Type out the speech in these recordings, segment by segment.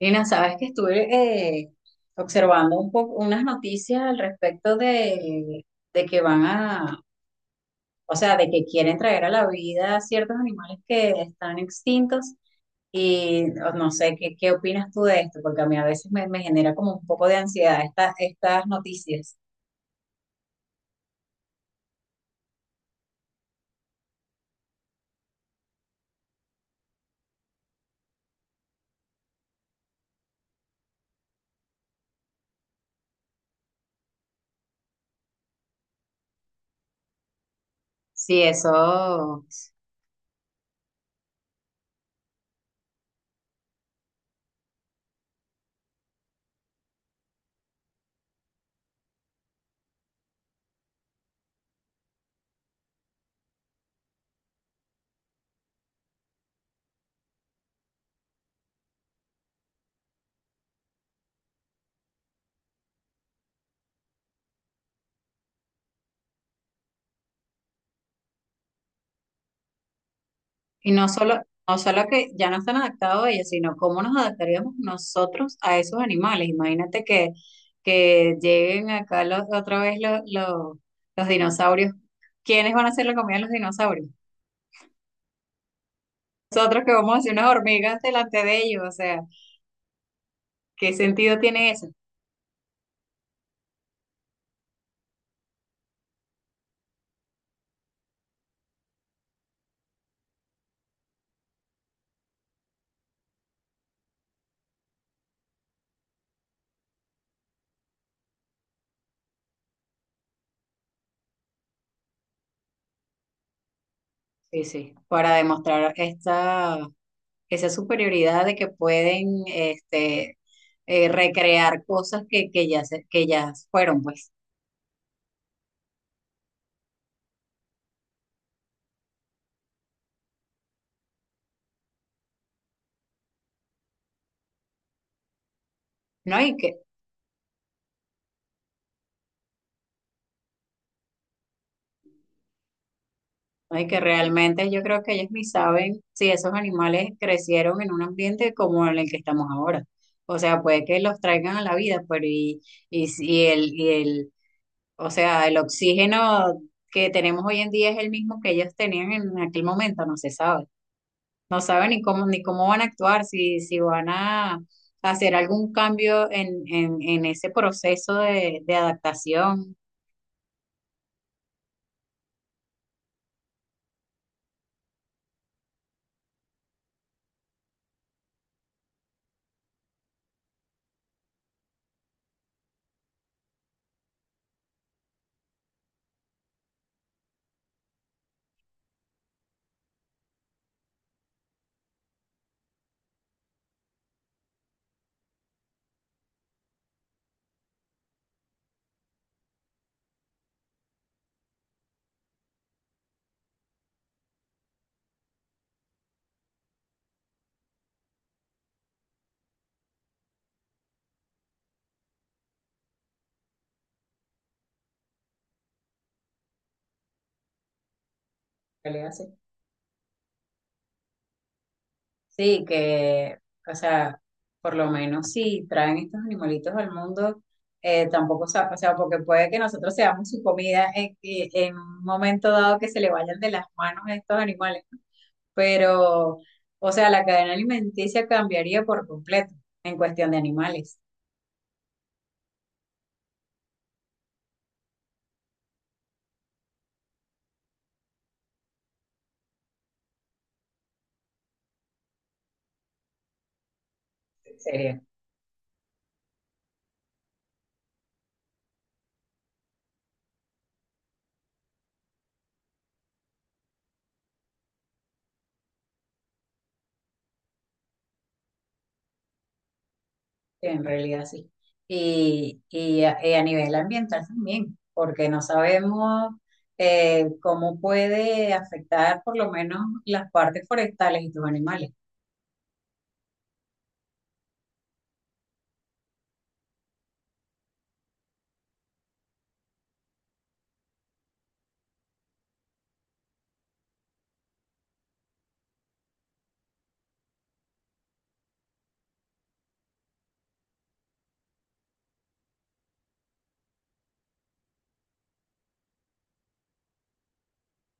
Lina, sabes que estuve observando un poco unas noticias al respecto de que van a, o sea, de que quieren traer a la vida ciertos animales que están extintos y o no sé qué, qué opinas tú de esto, porque a mí a veces me genera como un poco de ansiedad estas noticias. Sí, eso. Y no solo, no solo que ya no están adaptados ellos, sino cómo nos adaptaríamos nosotros a esos animales. Imagínate que lleguen acá otra vez los dinosaurios. ¿Quiénes van a hacer la comida de los dinosaurios? Nosotros que vamos a hacer unas hormigas delante de ellos. O sea, ¿qué sentido tiene eso? Sí, sí, para demostrar esta, esa superioridad de que pueden este, recrear cosas que ya, que ya fueron, pues. ¿No? Y que, ay, que realmente yo creo que ellos ni saben si esos animales crecieron en un ambiente como en el que estamos ahora. O sea, puede que los traigan a la vida, si el, y el, o sea, el oxígeno que tenemos hoy en día es el mismo que ellos tenían en aquel momento, no se sabe. No saben ni cómo, ni cómo van a actuar, si van a hacer algún cambio en ese proceso de adaptación. ¿Qué le hace? Sí, que, o sea, por lo menos si traen estos animalitos al mundo, tampoco, o sea, porque puede que nosotros seamos su comida en un momento dado que se le vayan de las manos a estos animales, ¿no? Pero, o sea, la cadena alimenticia cambiaría por completo en cuestión de animales. Sería en realidad sí. Y a nivel ambiental también, porque no sabemos cómo puede afectar por lo menos las partes forestales y tus animales.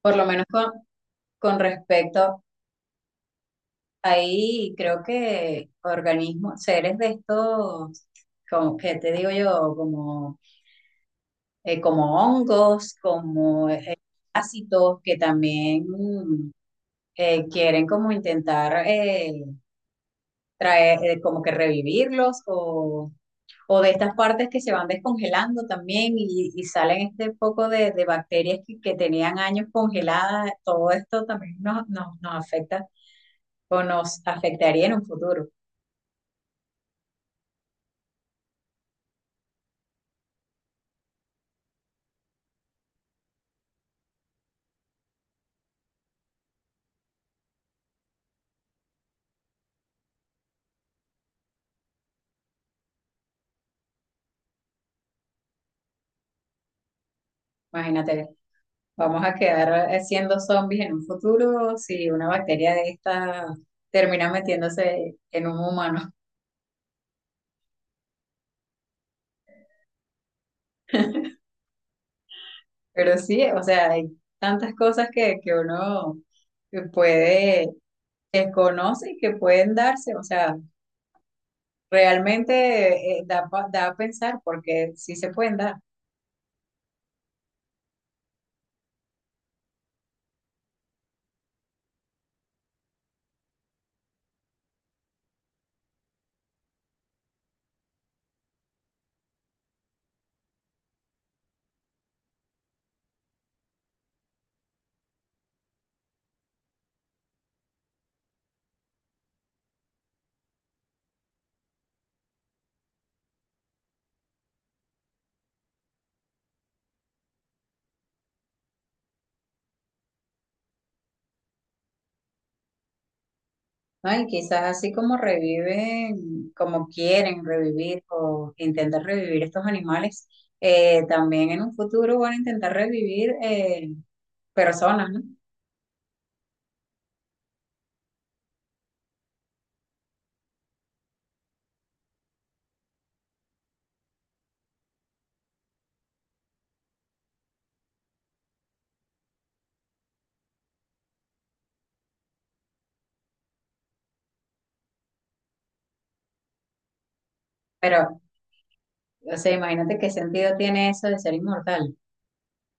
Por lo menos con respecto, ahí creo que organismos, seres de estos, como que te digo yo, como, como hongos, como ácidos que también quieren como intentar traer, como que revivirlos o de estas partes que se van descongelando también y salen este poco de bacterias que tenían años congeladas, todo esto también nos afecta o nos afectaría en un futuro. Imagínate, vamos a quedar siendo zombies en un futuro si una bacteria de esta termina metiéndose en un humano. Pero sí, o sea, hay tantas cosas que uno que puede, que conoce y que pueden darse, o sea, realmente da, da a pensar porque sí se pueden dar, ¿no? Y quizás así como reviven, como quieren revivir o intentar revivir estos animales, también en un futuro van a intentar revivir personas, ¿no? Pero, o sea, imagínate qué sentido tiene eso de ser inmortal.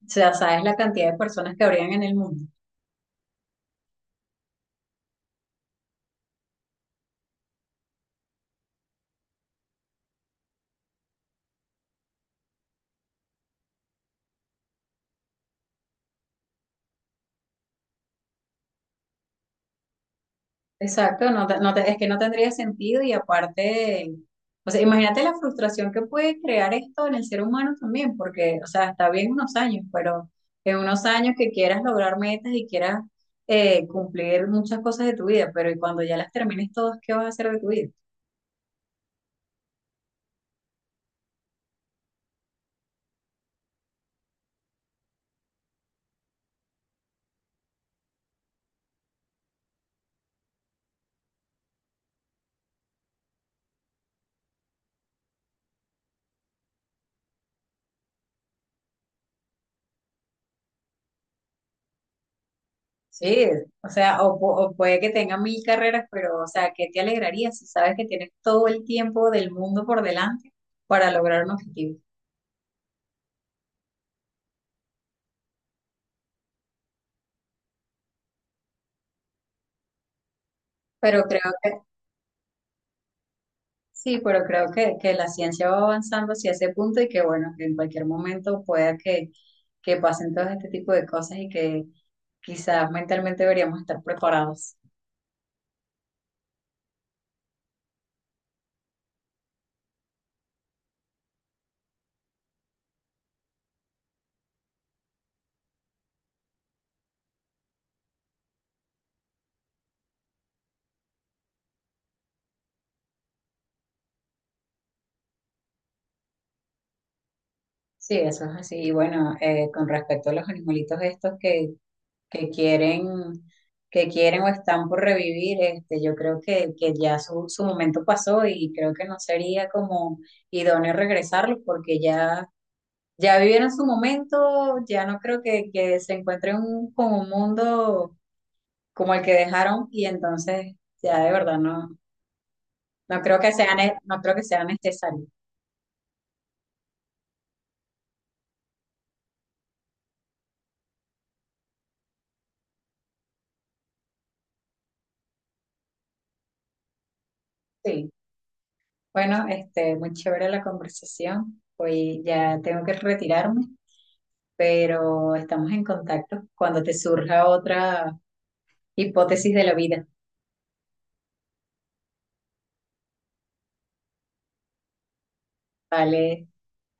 O sea, sabes la cantidad de personas que habrían en el mundo. Exacto, no, es que no tendría sentido y aparte, o sea, imagínate la frustración que puede crear esto en el ser humano también, porque, o sea, está bien unos años, pero en unos años que quieras lograr metas y quieras cumplir muchas cosas de tu vida, pero y cuando ya las termines todas, ¿qué vas a hacer de tu vida? Sí, o sea, o puede que tenga mil carreras, pero, o sea, ¿qué te alegraría si sabes que tienes todo el tiempo del mundo por delante para lograr un objetivo? Pero creo, sí, pero creo que la ciencia va avanzando hacia ese punto y que, bueno, que en cualquier momento pueda que pasen todo este tipo de cosas y que quizás mentalmente deberíamos estar preparados. Sí, eso es así. Y bueno, con respecto a los animalitos estos que que quieren o están por revivir, este, yo creo que ya su momento pasó y creo que no sería como idóneo regresarlos porque ya ya vivieron su momento, ya no creo que se encuentren con un mundo como el que dejaron y entonces ya de verdad no, no creo que sea, no creo que sea necesario. Sí, bueno, este, muy chévere la conversación. Hoy ya tengo que retirarme, pero estamos en contacto cuando te surja otra hipótesis de la vida. Vale.